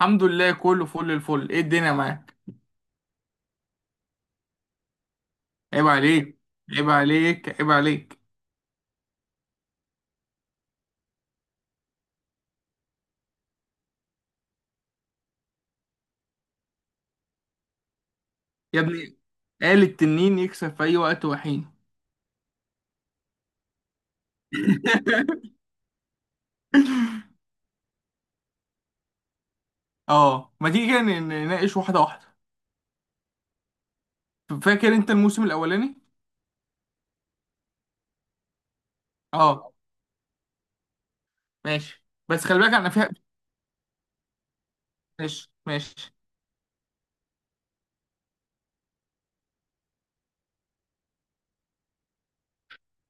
الحمد لله، كله فل الفل. ايه الدنيا معاك؟ عيب عليك، عيب عليك، عيب عليك. يا ابني، قال التنين يكسب في اي وقت وحين. اه، ما تيجي كده نناقش واحده واحده. فاكر انت الموسم الاولاني؟ اه. ماشي، بس خلي بالك انا فيها. ماشي ماشي.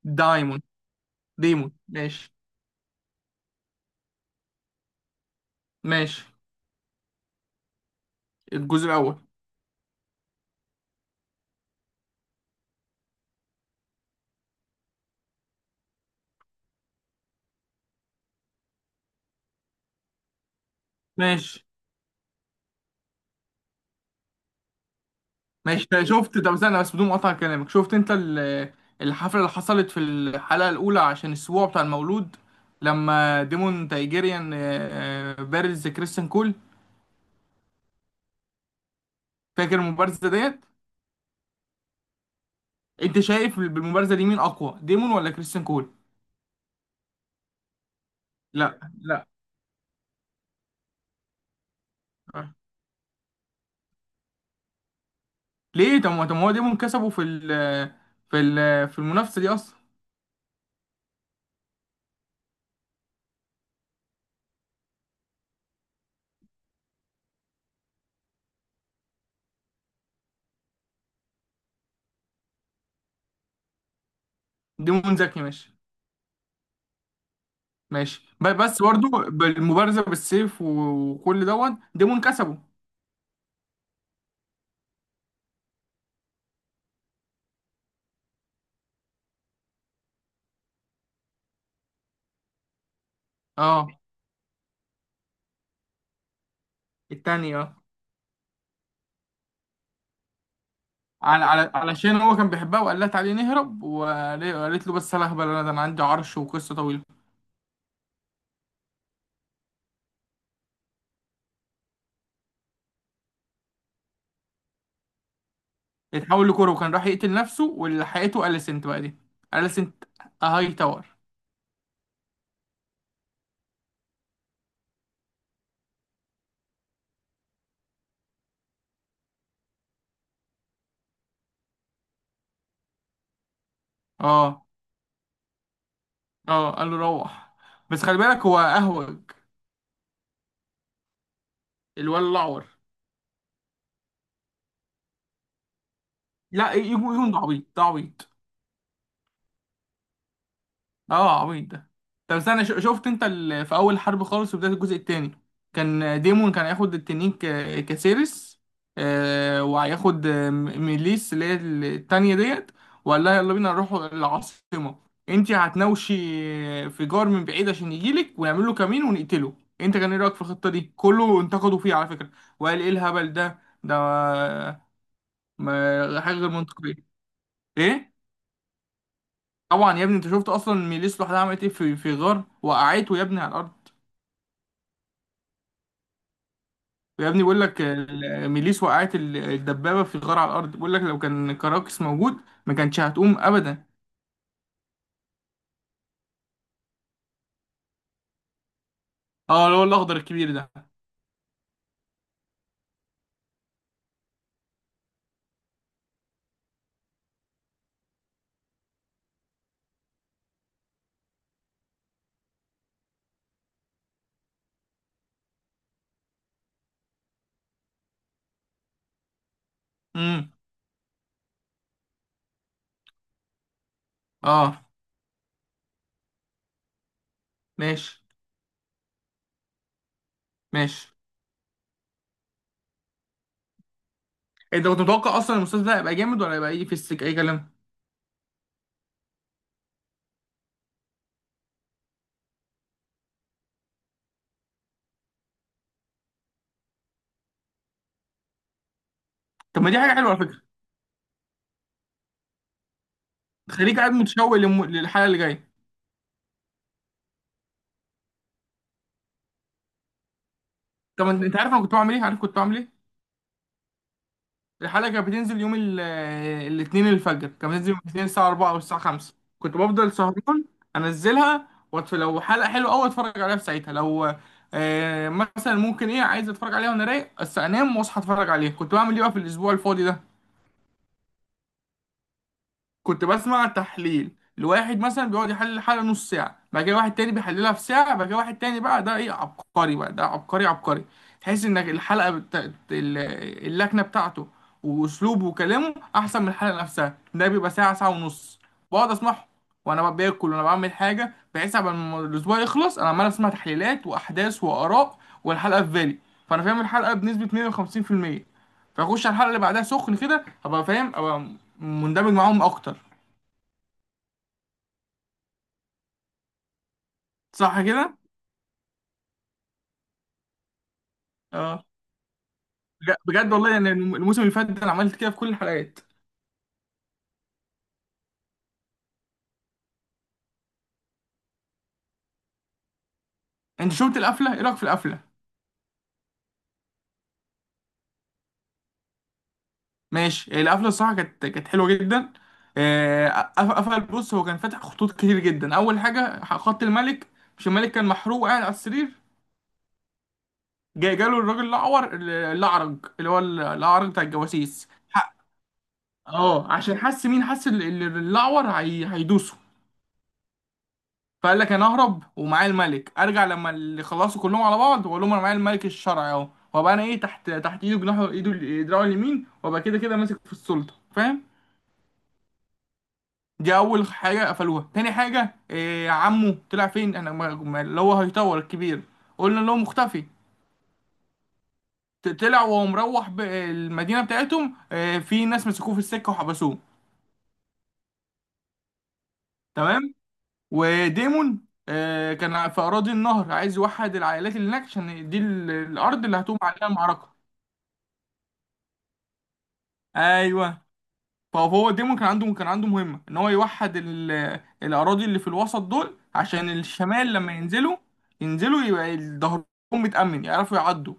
دايمون. ديمون، ماشي. ماشي. الجزء الاول. ماشي. ماشي، طيب شفت؟ طب استنى بس بدون مقاطعة كلامك، شفت انت الحفلة اللي حصلت في الحلقة الأولى عشان السبوع بتاع المولود؟ لما ديمون تايجيريان بارز كريستيان كول. فاكر المبارزة ديت؟ انت شايف بالمبارزة دي مين أقوى، ديمون ولا كريستيان كول؟ لا لا. آه. ليه؟ طب ما، طب ما هو ديمون كسبه في ال، في المنافسة دي أصلا. ديمون ذكي، ماشي. ماشي، بس برضه بالمبارزة بالسيف وكل دوت ديمون كسبه. اه، التاني. اه. على، على علشان هو كان بيحبها، وقالت عليه نهرب، وقالت له بس انا هبل، انا ده انا عندي عرش وقصه طويله. اتحول لكوره، وكان راح يقتل نفسه، واللي حقته اليسنت بقى دي. اليسنت هاي تاور. اه. اه، قال له روح. بس خلي بالك هو اهوج. الولد الاعور. لا، يجون، يجون ده عبيط، ده عبيط. اه، عبيط ده. طب استنى، شفت انت ال... في اول حرب خالص في بداية الجزء التاني، كان ديمون كان هياخد التنين ك... كسيرس. آه، وهياخد ميليس اللي هي التانية ديت، وقال لها يلا بينا نروح العاصمة، انت هتناوشي في جار من بعيد عشان يجيلك ونعمل له كمين ونقتله. انت كان ايه رأيك في الخطة دي؟ كله انتقدوا فيها على فكرة، وقال ايه الهبل ده، ده ما... حاجة غير منطقية. ايه؟ طبعا يا ابني، انت شفت اصلا ميليس لوحدها عملت ايه في غار؟ وقعته يا ابني على الارض. ويا ابني بيقول لك ال- ميليس وقعت ال- الدبابه في غار على الارض، بيقول لك لو كان كراكس موجود ما كانتش هتقوم ابدا. اه، اللي هو الاخضر الكبير ده. امم. اه. ماشي ماشي. إيه، انت كنت متوقع اصلا المسلسل ده هيبقى جامد ولا هيبقى ايه في السك اي كلام؟ طب ما دي حاجه حلوه على فكره. خليك قاعد متشوق للحلقه اللي جايه. طب انت، انت عارف انا كنت بعمل ايه؟ عارف كنت بعمل ايه؟ الحلقة كانت بتنزل يوم الاثنين الفجر، كانت بتنزل يوم الاثنين الساعة 4 أو الساعة 5. كنت بفضل سهران، أنزلها وأتف... لو حلقة حلوة أوي أتفرج عليها في ساعتها، لو آه مثلا ممكن، إيه، عايز أتفرج عليها وأنا رايق، بس أنام وأصحى أتفرج عليها. كنت بعمل إيه بقى في الأسبوع الفاضي ده؟ كنت بسمع تحليل لواحد مثلا بيقعد يحلل الحلقة نص ساعة، بعد كده واحد تاني بيحللها في ساعة، بعد كده واحد تاني بقى ده ايه، عبقري بقى ده، عبقري. تحس انك الحلقة بتا... ال- اللكنة بتاعته واسلوبه وكلامه احسن من الحلقة نفسها. ده بيبقى ساعة، ساعة ونص، بقعد اسمعه وانا باكل وانا بعمل حاجة، بحيث قبل ما الاسبوع يخلص انا عمال اسمع تحليلات واحداث واراء، والحلقة في بالي. فانا فاهم الحلقة بنسبة 150%، فاخش على الحلقة اللي بعدها سخن كده، ابقى فاهم، ابقى مندمج معاهم اكتر. صح كده. اه. بجد والله، يعني الموسم اللي فات ده انا عملت كده في كل الحلقات. انت شفت القفله؟ ايه رايك في القفله؟ ماشي. هي القفله الصراحه كانت، كانت حلوه جدا. آه، قفل. بص هو كان فاتح خطوط كتير جدا. اول حاجه خط الملك، مش الملك كان محروق قاعد على السرير؟ جاي جاله الراجل الاعور، الاعرج، اللي هو الاعرج بتاع الجواسيس اه، عشان حس، مين حس؟ الاعور. هيدوسه. فقال لك انا اهرب ومعايا الملك، ارجع لما اللي خلصوا كلهم على بعض واقول لهم انا معايا الملك الشرعي اهو، وابقى انا ايه، تحت، تحت ايده، جناحه، ايده ال- دراعه اليمين، وابقى كده كده ماسك في السلطه، فاهم؟ دي اول حاجه قفلوها. تاني حاجه إيه؟ عمه طلع فين؟ انا اللي هو هيطور الكبير، قلنا له مختفي. طلع وهو مروح المدينه بتاعتهم، إيه في ناس مسكوه في السكه وحبسوه. تمام. وديمون إيه، كان في اراضي النهر عايز يوحد العائلات اللي هناك عشان دي ال- الارض اللي هتقوم عليها المعركه. ايوه. طب هو ديمون كان عنده، كان عنده مهمه ان هو يوحد ال... الاراضي اللي في الوسط دول عشان الشمال لما ينزلوا، ينزلوا يبقى ظهرهم متامن، يعرفوا يعدوا.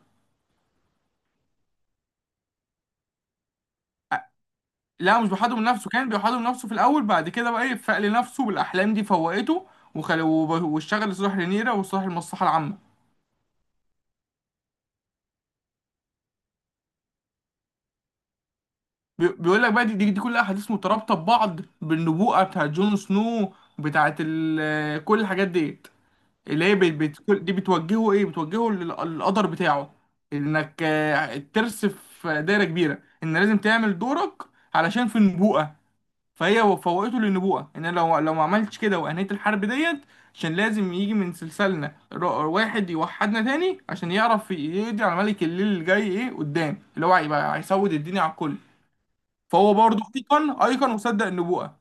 لا مش بيوحدوا من نفسه، كان بيوحدوا من نفسه في الاول، بعد كده بقى ايه، فاق لنفسه بالاحلام دي فوقته. وخل... وب... واشتغل لصالح رينيرا وصالح المصلحه العامه. بي... بيقول لك بقى، دي, دي, دي كلها احاديث مترابطه ببعض بالنبوءه بتاعت جون سنو، بتاعت ال... كل الحاجات ديت. اللي هي بت- بت- دي بتوجهه ايه، بتوجهه للقدر بتاعه. انك آه، الترس في دايره كبيره، ان لازم تعمل دورك علشان في النبوءه. فهي فوقته للنبوءه، ان لو ما عملتش كده وانهيت الحرب ديت، عشان لازم يجي من سلسلنا واحد يوحدنا تاني عشان يعرف يقضي على ملك الليل اللي جاي ايه قدام، اللي هو هيبقى هيسود الدنيا على الكل. فهو برضه ايقن مصدق النبوءه.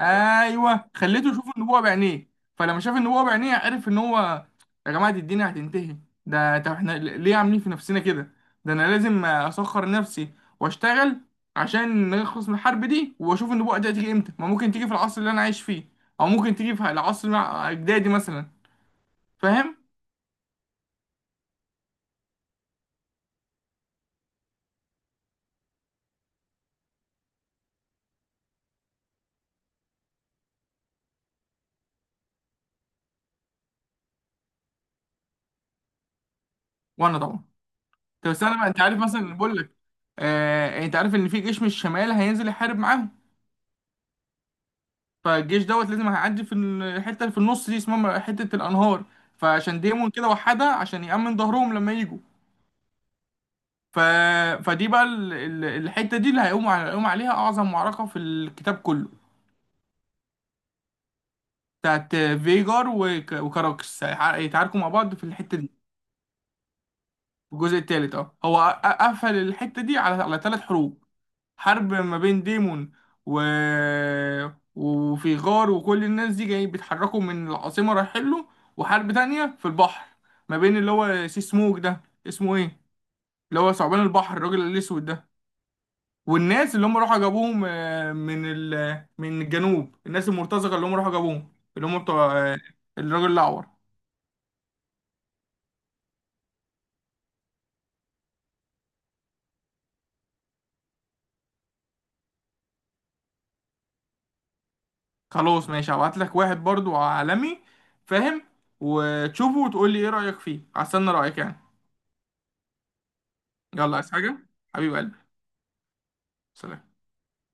ايوه، خليته يشوف النبوه بعينيه. فلما شاف النبوه بعينيه عرف ان هو، يا جماعه دي الدنيا هتنتهي. ده طب احنا ليه عاملين في نفسنا كده؟ ده انا لازم اسخر نفسي واشتغل عشان نخلص من الحرب دي، واشوف النبوه دي هتيجي امتى، ما ممكن تيجي في العصر اللي انا عايش فيه، او ممكن تيجي في العصر مع اجدادي مثلا. فاهم؟ وانا طبعا. طب استنى بقى، انت عارف مثلا، بقول لك آه، انت عارف ان في جيش من الشمال هينزل يحارب معاهم؟ فالجيش دوت لازم هيعدي في الحته اللي في النص دي، اسمها حته الانهار. فعشان ديمون كده وحدها، عشان يأمن ظهرهم لما يجوا. ف... فدي بقى ال... ال- الحته دي اللي هيقوم على... هيقوم عليها اعظم معركه في الكتاب كله. بتاعت فيجار وك... وكاراكس هيتعاركوا مع بعض في الحته دي. الجزء الثالث، اه. هو قفل الحته دي على، على 3 حروب. حرب ما بين ديمون و... وفي غار وكل الناس دي جاي بيتحركوا من العاصمة رايحين له، وحرب تانية في البحر ما بين اللي هو سي سموك ده، اسمه ايه، اللي هو ثعبان البحر الراجل الأسود ده، والناس اللي هم راحوا جابوهم آه، من ال... من الجنوب، الناس المرتزقة اللي هم راحوا جابوهم اللي هم بتوع آه، الراجل الأعور. خلاص ماشي، هبعت لك واحد برضو عالمي، فاهم، وتشوفه وتقول لي ايه رأيك فيه، هستنى رأيك يعني. يلا، عايز حاجة؟ حبيب قلبي. سلام.